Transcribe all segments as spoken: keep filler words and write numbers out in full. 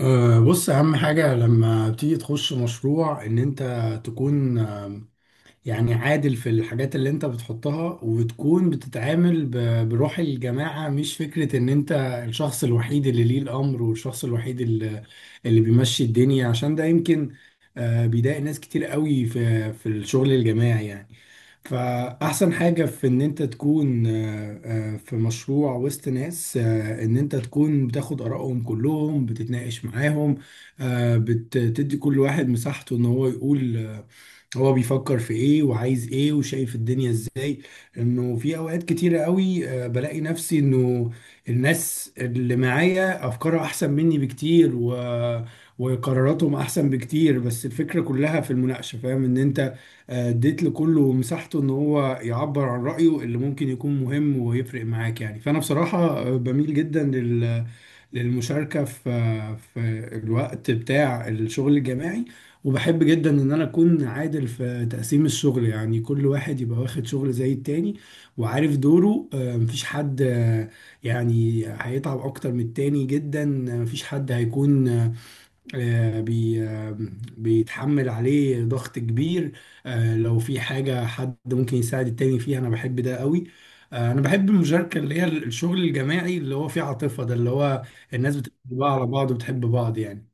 أه، بص أهم حاجة لما بتيجي تخش مشروع إن أنت تكون أم، يعني عادل في الحاجات اللي أنت بتحطها وتكون بتتعامل ب- بروح الجماعة، مش فكرة إن أنت الشخص الوحيد اللي ليه الأمر والشخص الوحيد اللي, اللي بيمشي الدنيا. عشان ده يمكن أه، بيضايق ناس كتير قوي في في الشغل الجماعي يعني. فأحسن حاجة في إن أنت تكون آه، آه، في مشروع وسط ناس، آه، إن أنت تكون بتاخد آرائهم كلهم، بتتناقش معاهم، آه، بتدي كل واحد مساحته إن هو يقول آه، هو بيفكر في ايه وعايز ايه وشايف الدنيا ازاي. انه في اوقات كتيرة قوي آه، بلاقي نفسي انه الناس اللي معايا افكارها احسن مني بكتير و... وقراراتهم احسن بكتير. بس الفكرة كلها في المناقشة، فاهم؟ ان انت آه، اديت لكله مساحته ان هو يعبر عن رأيه اللي ممكن يكون مهم ويفرق معاك يعني. فانا بصراحة آه، بميل جدا لل للمشاركة في في الوقت بتاع الشغل الجماعي. وبحب جدا ان انا اكون عادل في تقسيم الشغل، يعني كل واحد يبقى واخد شغل زي التاني وعارف دوره. آه، مفيش حد آه، يعني هيتعب اكتر من التاني جدا. آه، مفيش حد هيكون آه، بي آه، بيتحمل عليه ضغط كبير. آه، لو في حاجة حد ممكن يساعد التاني فيها، انا بحب ده قوي. آه، انا بحب المشاركة، اللي هي الشغل الجماعي اللي هو فيه عاطفة، ده اللي هو الناس بتحب بعض على بعض وبتحب بعض يعني.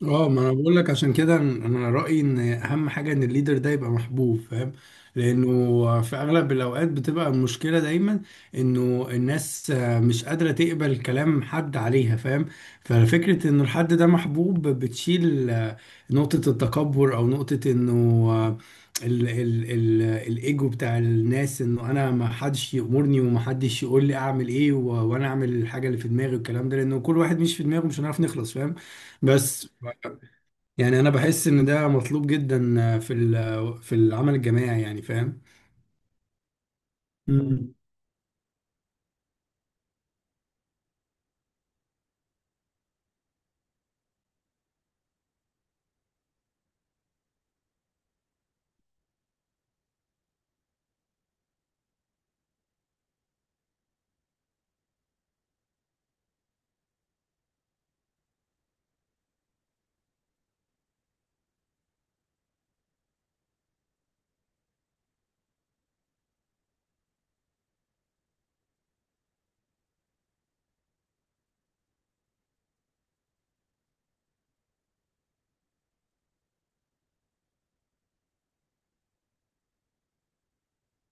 اه ما انا بقول لك، عشان كده انا رايي ان اهم حاجه ان الليدر ده يبقى محبوب، فاهم؟ لانه في اغلب الاوقات بتبقى المشكله دايما انه الناس آه، مش قادره تقبل كلام حد عليها، فاهم؟ ففكره ان الحد ده محبوب بتشيل آه، نقطه التكبر او نقطه انه آه، ال ال ال الايجو بتاع الناس، انه انا ما حدش يامرني وما حدش يقول لي اعمل ايه، و- وانا اعمل الحاجه اللي في دماغي والكلام ده. لانه كل واحد مش في دماغه مش هنعرف نخلص، فاهم؟ بس يعني انا بحس ان ده مطلوب جدا في ال- في العمل الجماعي يعني، فاهم؟ مم.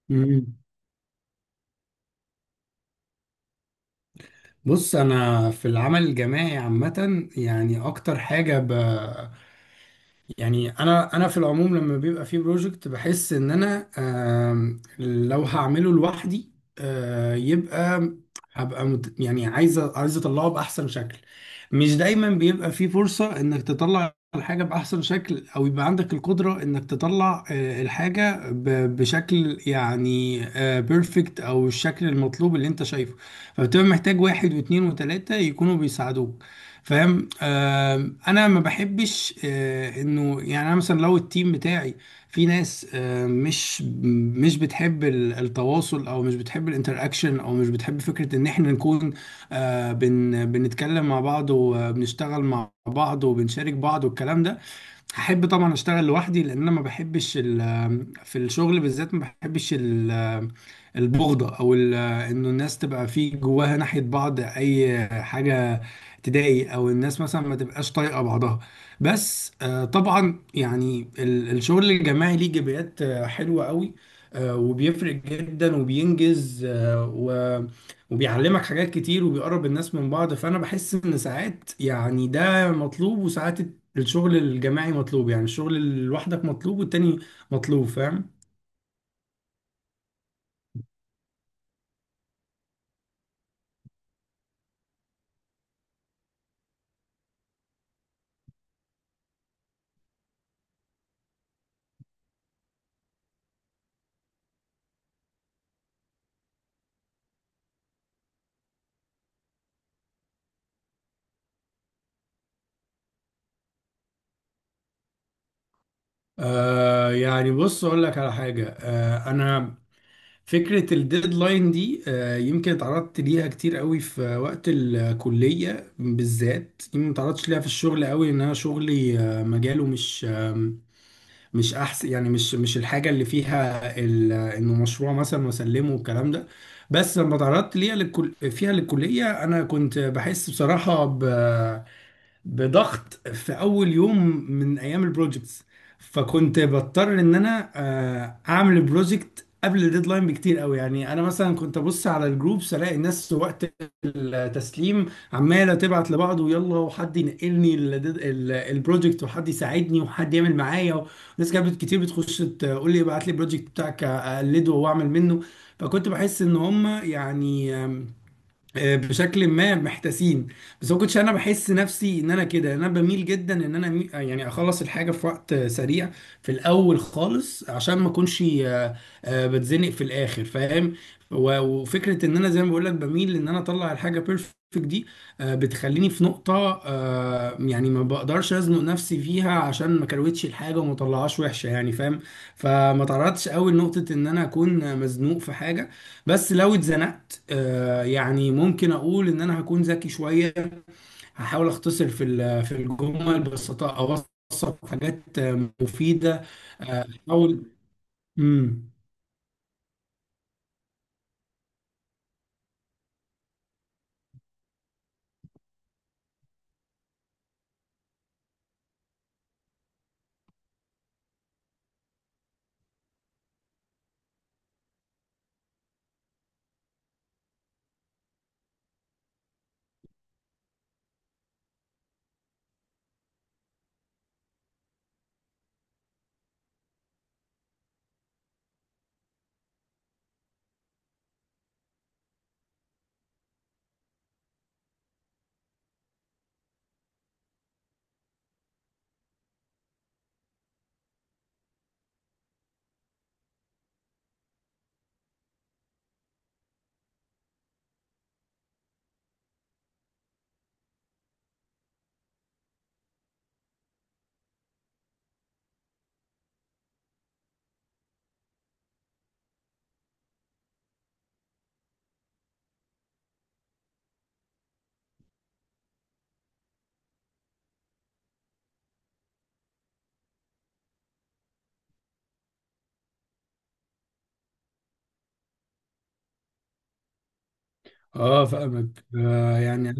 مم. بص انا في العمل الجماعي عامه، يعني اكتر حاجه ب... يعني انا انا في العموم لما بيبقى في بروجكت بحس ان انا آم، لو هعمله لوحدي آه، يبقى هبقى مت- يعني عايز عايز اطلعه باحسن شكل. مش دايما بيبقى في فرصة انك تطلع الحاجة باحسن شكل، او يبقى عندك القدرة انك تطلع آه، الحاجة ب- بشكل يعني بيرفكت او الشكل المطلوب اللي انت شايفه. فبتبقى محتاج واحد واثنين وثلاثة يكونوا بيساعدوك، فاهم؟ آم، انا ما بحبش آه، انه يعني انا مثلا لو التيم بتاعي في ناس آه، مش مش بتحب ال- التواصل، او مش بتحب الانتراكشن، او مش بتحب فكرة ان احنا نكون آه، بن بنتكلم مع بعض وبنشتغل مع بعض وبنشارك بعض والكلام ده، هحب طبعا اشتغل لوحدي. لان انا ما بحبش ال- في الشغل بالذات ما بحبش البغضة او ال- انه الناس تبقى في جواها ناحية بعض اي حاجة تضايق، او الناس مثلا ما تبقاش طايقة بعضها. بس آه، طبعا يعني ال- الشغل الجماعي ليه ايجابيات آه، حلوة قوي. آه، وبيفرق جدا وبينجز آه، و وبيعلمك حاجات كتير وبيقرب الناس من بعض. فانا بحس ان ساعات يعني ده مطلوب، وساعات الشغل الجماعي مطلوب، يعني الشغل لوحدك مطلوب والتاني مطلوب، فاهم؟ آه يعني بص اقول لك على حاجه، آه انا فكره الديدلاين دي آه يمكن اتعرضت ليها كتير قوي في وقت الكليه بالذات. يمكن ما اتعرضتش ليها في الشغل قوي، ان انا شغلي آه مجاله مش آه مش احسن، يعني مش مش الحاجه اللي فيها ال- انه مشروع مثلا واسلمه والكلام ده. بس لما اتعرضت ليها للكل فيها للكليه، انا كنت بحس بصراحه بضغط في اول يوم من ايام البروجكتس. فكنت بضطر ان انا آه، اعمل البروجكت قبل الديدلاين بكتير قوي. يعني انا مثلا كنت ابص على الجروبس الاقي الناس وقت التسليم عماله تبعت لبعض، ويلا وحد ينقلني ال- ال- البروجكت، وحد يساعدني، وحد يعمل معايا. ناس كانت كتير بتخش تقول لي ابعت لي البروجكت بتاعك اقلده واعمل منه. فكنت بحس ان هم يعني آه، بشكل ما محتاسين. بس ما كنتش انا بحس نفسي ان انا كده، انا بميل جدا ان انا مي- يعني اخلص الحاجه في وقت سريع في الاول خالص، عشان ما اكونش آه، آه، بتزنق في الاخر، فاهم؟ و- وفكره ان انا زي ما بقول لك بميل ان انا اطلع الحاجه بيرفكت دي آه، بتخليني في نقطه آه، يعني ما بقدرش ازنق نفسي فيها، عشان ما كروتش الحاجه وما طلعهاش وحشه يعني، فاهم؟ فما تعرضتش قوي لنقطه ان انا اكون مزنوق في حاجه. بس لو اتزنقت آه، يعني ممكن اقول ان انا هكون ذكي شويه. هحاول اختصر في ال- في الجمل، بس أط- اوثق حاجات آه، مفيده. آه، احاول. امم اه فاهمك. آه، يعني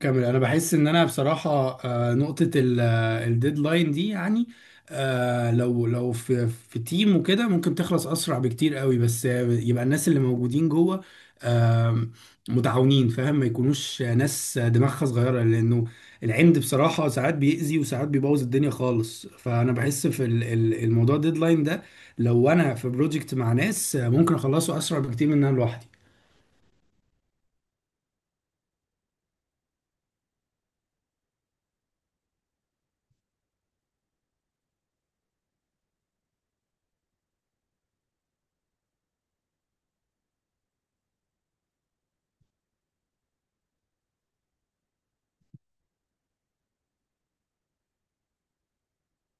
كامل، انا بحس ان انا بصراحه آه، نقطه ال- آه، الديدلاين دي، يعني آه، لو لو في في تيم وكده ممكن تخلص اسرع بكتير قوي. بس آه، يبقى الناس اللي موجودين جوه آم، متعاونين، فاهم؟ ما يكونوش ناس دماغها صغيره، لانه العند بصراحه ساعات بيأذي وساعات بيبوظ الدنيا خالص. فانا بحس في ال- ال- الموضوع الديدلاين ده لو انا في بروجكت مع ناس آه، ممكن اخلصه اسرع بكتير من ان انا لوحدي.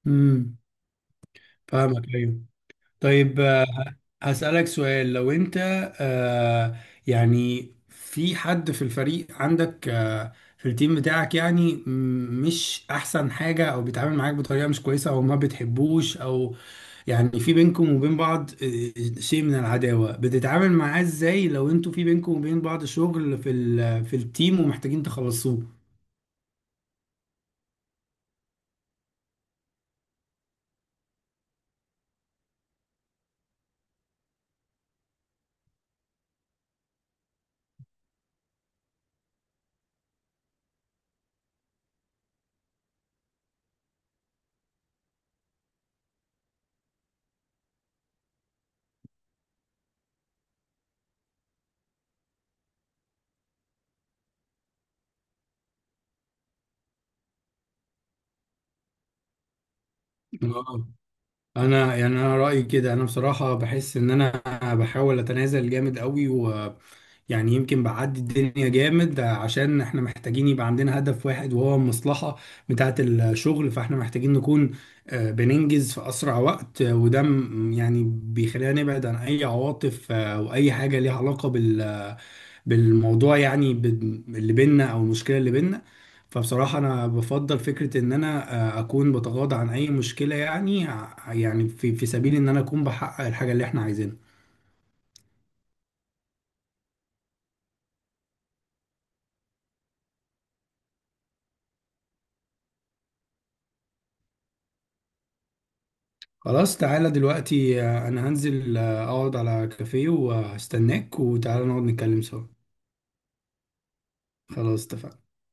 امم. فاهمك. ايوه. طيب هسألك سؤال، لو انت آه يعني في حد في الفريق عندك، آه في التيم بتاعك، يعني م- مش احسن حاجة، او بيتعامل معاك بطريقة مش كويسة، او ما بتحبوش، او يعني في بينكم وبين بعض آه، شيء من العداوة، بتتعامل معاه ازاي لو انتوا في بينكم وبين بعض شغل في ال- في التيم ومحتاجين تخلصوه؟ اه، انا يعني انا رايي كده، انا بصراحه بحس ان انا بحاول اتنازل جامد قوي. و يعني يمكن بعدي الدنيا جامد، عشان احنا محتاجين يبقى عندنا هدف واحد وهو المصلحه بتاعه الشغل. فاحنا محتاجين نكون آه، بننجز في اسرع وقت. آه، وده م- يعني بيخلينا نبعد عن اي عواطف آه، واي حاجه ليها علاقه بال بالموضوع يعني، بال- اللي بينا او المشكله اللي بينا. فبصراحه انا بفضل فكره ان انا آه، اكون بتغاضى عن اي مشكله يعني، ع- يعني في في سبيل ان انا اكون بحقق الحاجه اللي احنا عايزينها. خلاص، تعالى دلوقتي آه، انا هنزل آه، اقعد على كافيه وهستناك، وتعالى نقعد نتكلم سوا. خلاص اتفقنا.